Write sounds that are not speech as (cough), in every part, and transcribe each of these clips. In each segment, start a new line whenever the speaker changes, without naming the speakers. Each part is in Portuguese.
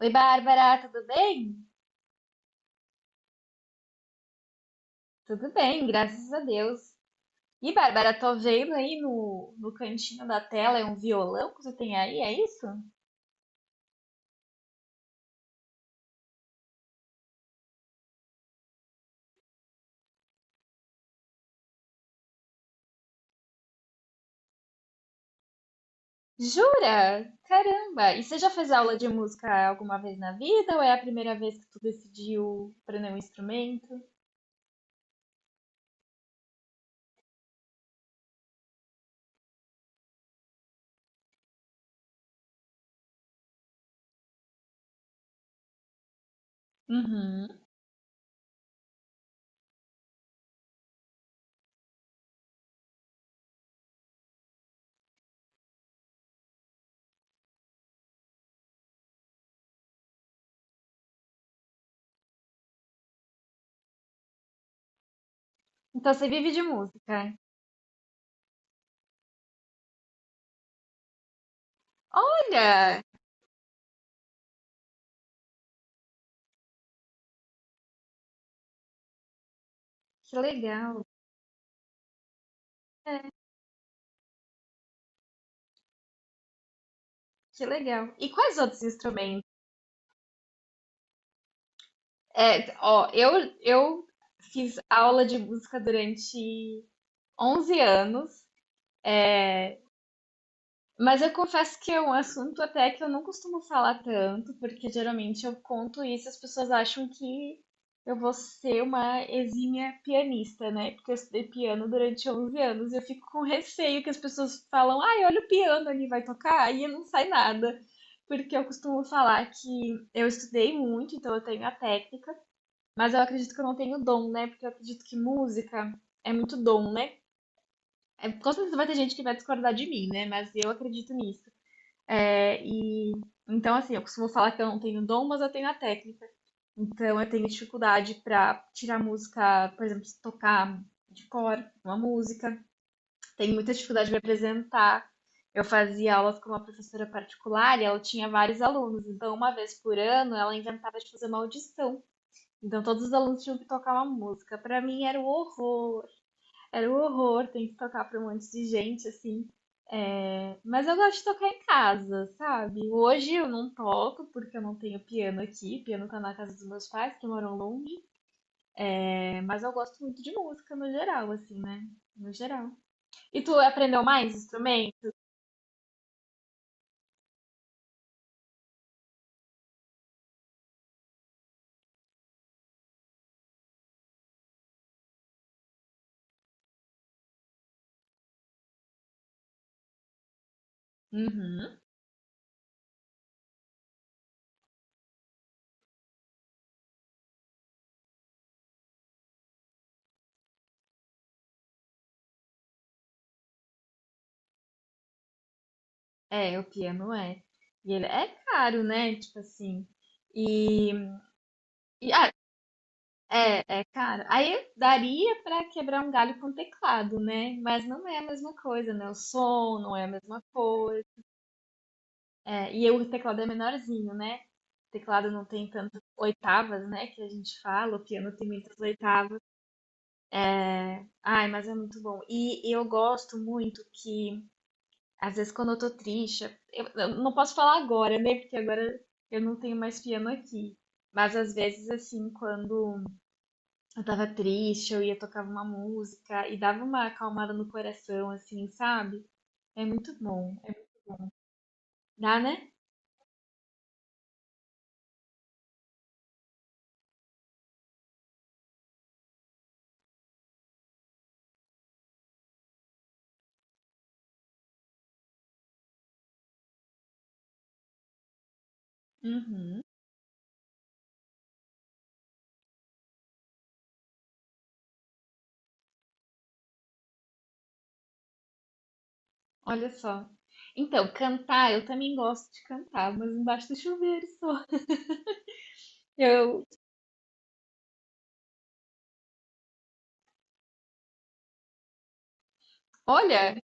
Oi, Bárbara, tudo bem? Tudo bem, graças a Deus. E, Bárbara, tô vendo aí no cantinho da tela é um violão que você tem aí, é isso? Jura? Caramba! E você já fez aula de música alguma vez na vida ou é a primeira vez que tu decidiu aprender um instrumento? Uhum. Então você vive de música. Olha, que legal, que legal. E quais outros instrumentos? É, ó, eu fiz aula de música durante 11 anos. Mas eu confesso que é um assunto até que eu não costumo falar tanto, porque geralmente eu conto isso e as pessoas acham que eu vou ser uma exímia pianista, né? Porque eu estudei piano durante 11 anos e eu fico com receio que as pessoas falam, ai, olha o piano ali, vai tocar, e não sai nada. Porque eu costumo falar que eu estudei muito, então eu tenho a técnica, mas eu acredito que eu não tenho dom, né? Porque eu acredito que música é muito dom, né? É, com certeza vai ter gente que vai discordar de mim, né? Mas eu acredito nisso. É, e então, assim, eu costumo falar que eu não tenho dom, mas eu tenho a técnica. Então, eu tenho dificuldade para tirar música, por exemplo, se tocar de cor uma música. Tenho muita dificuldade de apresentar. Eu fazia aulas com uma professora particular e ela tinha vários alunos. Então, uma vez por ano, ela inventava de fazer uma audição. Então, todos os alunos tinham que tocar uma música. Para mim, era o horror. Era o horror ter que tocar para um monte de gente, assim. Mas eu gosto de tocar em casa, sabe? Hoje eu não toco porque eu não tenho piano aqui. Piano tá na casa dos meus pais, que moram longe. É, mas eu gosto muito de música no geral, assim, né? No geral. E tu aprendeu mais instrumento? Uhum. É, o piano é. E ele é caro, né? Tipo assim. E, e ah, é, é caro. Aí daria pra quebrar um galho com teclado, né? Mas não é a mesma coisa, né? O som não é a mesma coisa. É, e o teclado é menorzinho, né? O teclado não tem tantas oitavas, né? Que a gente fala, o piano tem muitas oitavas. Ai, mas é muito bom. E eu gosto muito que, às vezes, quando eu tô triste, eu não posso falar agora, né? Porque agora eu não tenho mais piano aqui. Mas às vezes, assim, quando eu tava triste, eu ia tocar uma música e dava uma acalmada no coração, assim, sabe? É muito bom. É- Dá, né? Uhum. Olha só. Então, cantar, eu também gosto de cantar, mas embaixo do chuveiro só. Eu, olha,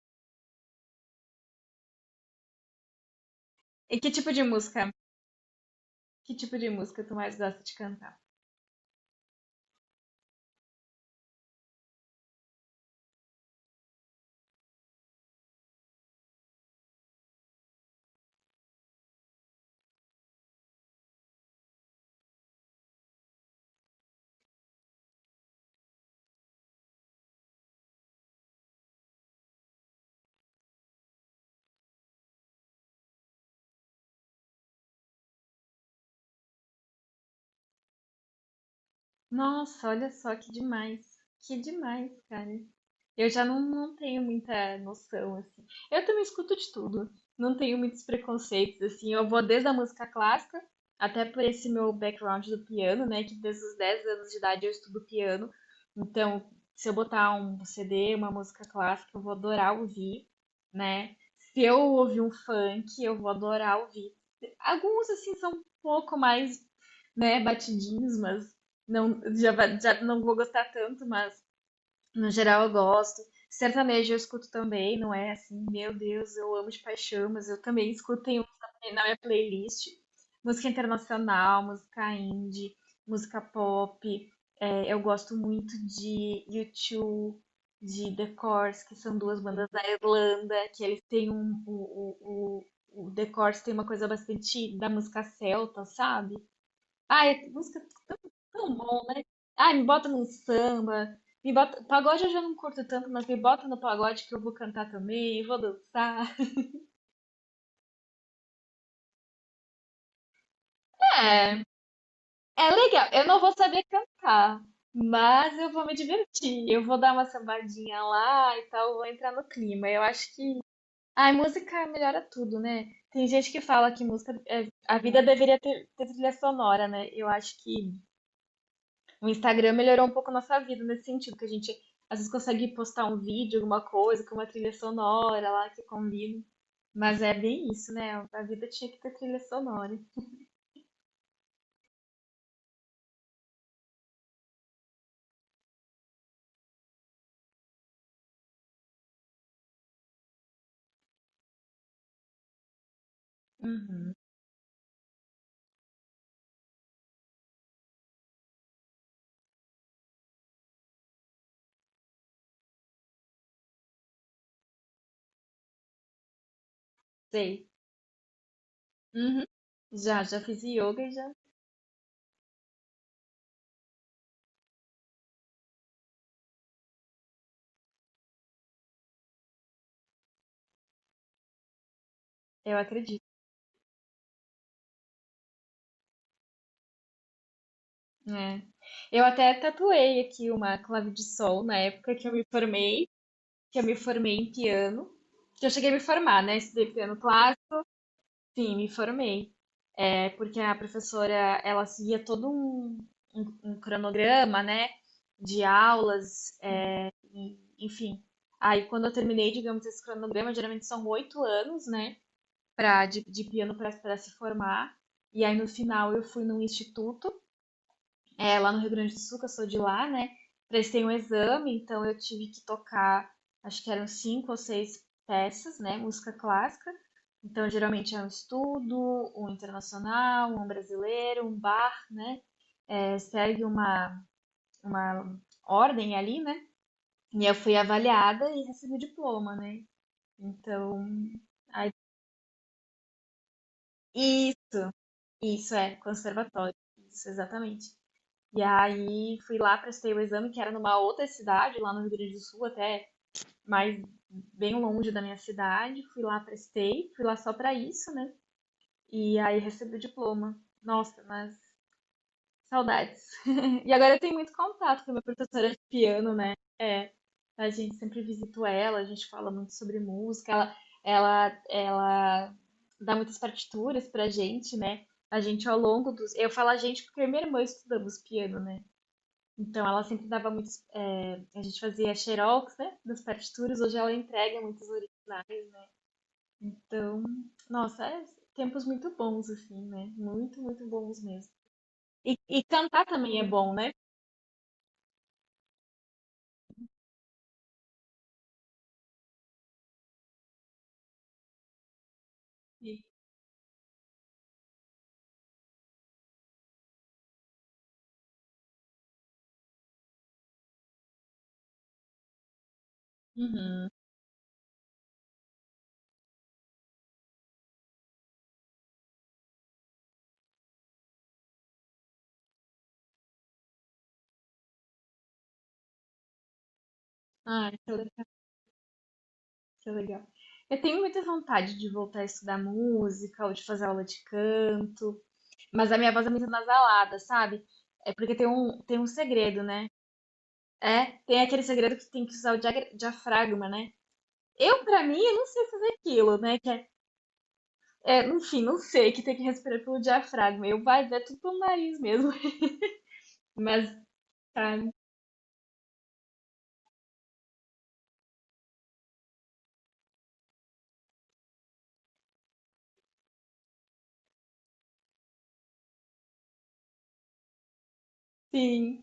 e que tipo de música? Que tipo de música tu mais gosta de cantar? Nossa, olha só que demais. Que demais, cara. Eu já não, não tenho muita noção, assim. Eu também escuto de tudo. Não tenho muitos preconceitos, assim. Eu vou desde a música clássica, até por esse meu background do piano, né? Que desde os 10 anos de idade eu estudo piano. Então, se eu botar um CD, uma música clássica, eu vou adorar ouvir, né? Se eu ouvir um funk, eu vou adorar ouvir. Alguns, assim, são um pouco mais, né, batidinhos, mas não, já, já não vou gostar tanto, mas no geral, eu gosto. Sertanejo eu escuto também, não é assim, meu Deus, eu amo de paixão, mas eu também escuto na minha playlist. Música internacional, música indie, música pop. É, eu gosto muito de U2, de The Corrs, que são duas bandas da Irlanda, que eles têm um. O The Corrs tem uma coisa bastante da música celta, sabe? Ah, é música. Tão bom, né? Ai, me bota num samba. Me bota. Pagode eu já não curto tanto, mas me bota no pagode que eu vou cantar também, vou dançar. É, é legal, eu não vou saber cantar, mas eu vou me divertir. Eu vou dar uma sambadinha lá e tal, vou entrar no clima. Eu acho que. Ai, música melhora tudo, né? Tem gente que fala que música, a vida deveria ter trilha sonora, né? Eu acho que o Instagram melhorou um pouco a nossa vida nesse sentido, que a gente às vezes consegue postar um vídeo, alguma coisa, com uma trilha sonora lá que combina. Mas é bem isso, né? A vida tinha que ter trilha sonora. Uhum, sei. Uhum. Já, já fiz yoga e já. Eu acredito. É. Eu até tatuei aqui uma clave de sol na época que eu me formei, que eu me formei em piano. Que eu cheguei a me formar, né? Estudei piano clássico, sim, me formei. É porque a professora ela seguia todo um, um cronograma, né, de aulas, é, e, enfim. Aí quando eu terminei, digamos, esse cronograma, geralmente são 8 anos, né, pra, de piano para se formar. E aí no final eu fui num instituto é, lá no Rio Grande do Sul, que eu sou de lá, né? Prestei um exame, então eu tive que tocar, acho que eram cinco ou seis peças, né? Música clássica. Então, geralmente é um estudo, um internacional, um brasileiro, um bar, né? É, segue uma ordem ali, né? E eu fui avaliada e recebi o diploma, né? Então, aí, e isso é conservatório, isso exatamente. E aí fui lá, prestei o exame, que era numa outra cidade, lá no Rio Grande do Sul, até mais bem longe da minha cidade. Fui lá, prestei, fui lá só pra isso, né? E aí recebi o diploma. Nossa, mas saudades. (laughs) E agora eu tenho muito contato com a minha professora de piano, né? É, a gente sempre visita ela, a gente fala muito sobre música, ela dá muitas partituras pra gente, né? A gente ao longo dos. Eu falo a gente porque eu e minha irmã estudamos piano, né? Então, ela sempre dava muitos. É, a gente fazia xerox, né? Das partituras. Hoje ela entrega muitos originais. Então, nossa, é tempos muito bons, assim, né? Muito, muito bons mesmo. E cantar também é bom, né? E- Uhum. Ah, isso é isso é legal. Eu tenho muita vontade de voltar a estudar música ou de fazer aula de canto, mas a minha voz é muito nasalada, sabe? É porque tem um segredo, né? É, tem aquele segredo que tem que usar o diafragma, né? Eu, pra mim, eu não sei fazer aquilo, né? Que é, é, enfim, não sei, que tem que respirar pelo diafragma. Eu vai, é tudo pelo nariz mesmo. (laughs) Mas, tá, sim.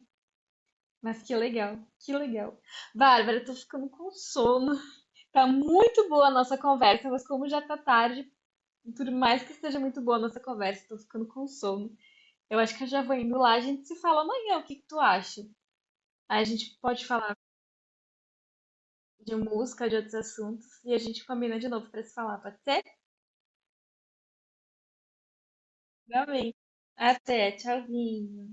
Mas que legal, que legal. Bárbara, eu tô ficando com sono. Tá muito boa a nossa conversa, mas como já tá tarde, por mais que esteja muito boa a nossa conversa, tô ficando com sono. Eu acho que eu já vou indo lá, a gente se fala amanhã, o que que tu acha? Aí a gente pode falar de música, de outros assuntos, e a gente combina de novo pra se falar, pode ser? Igualmente. Até, tchauzinho.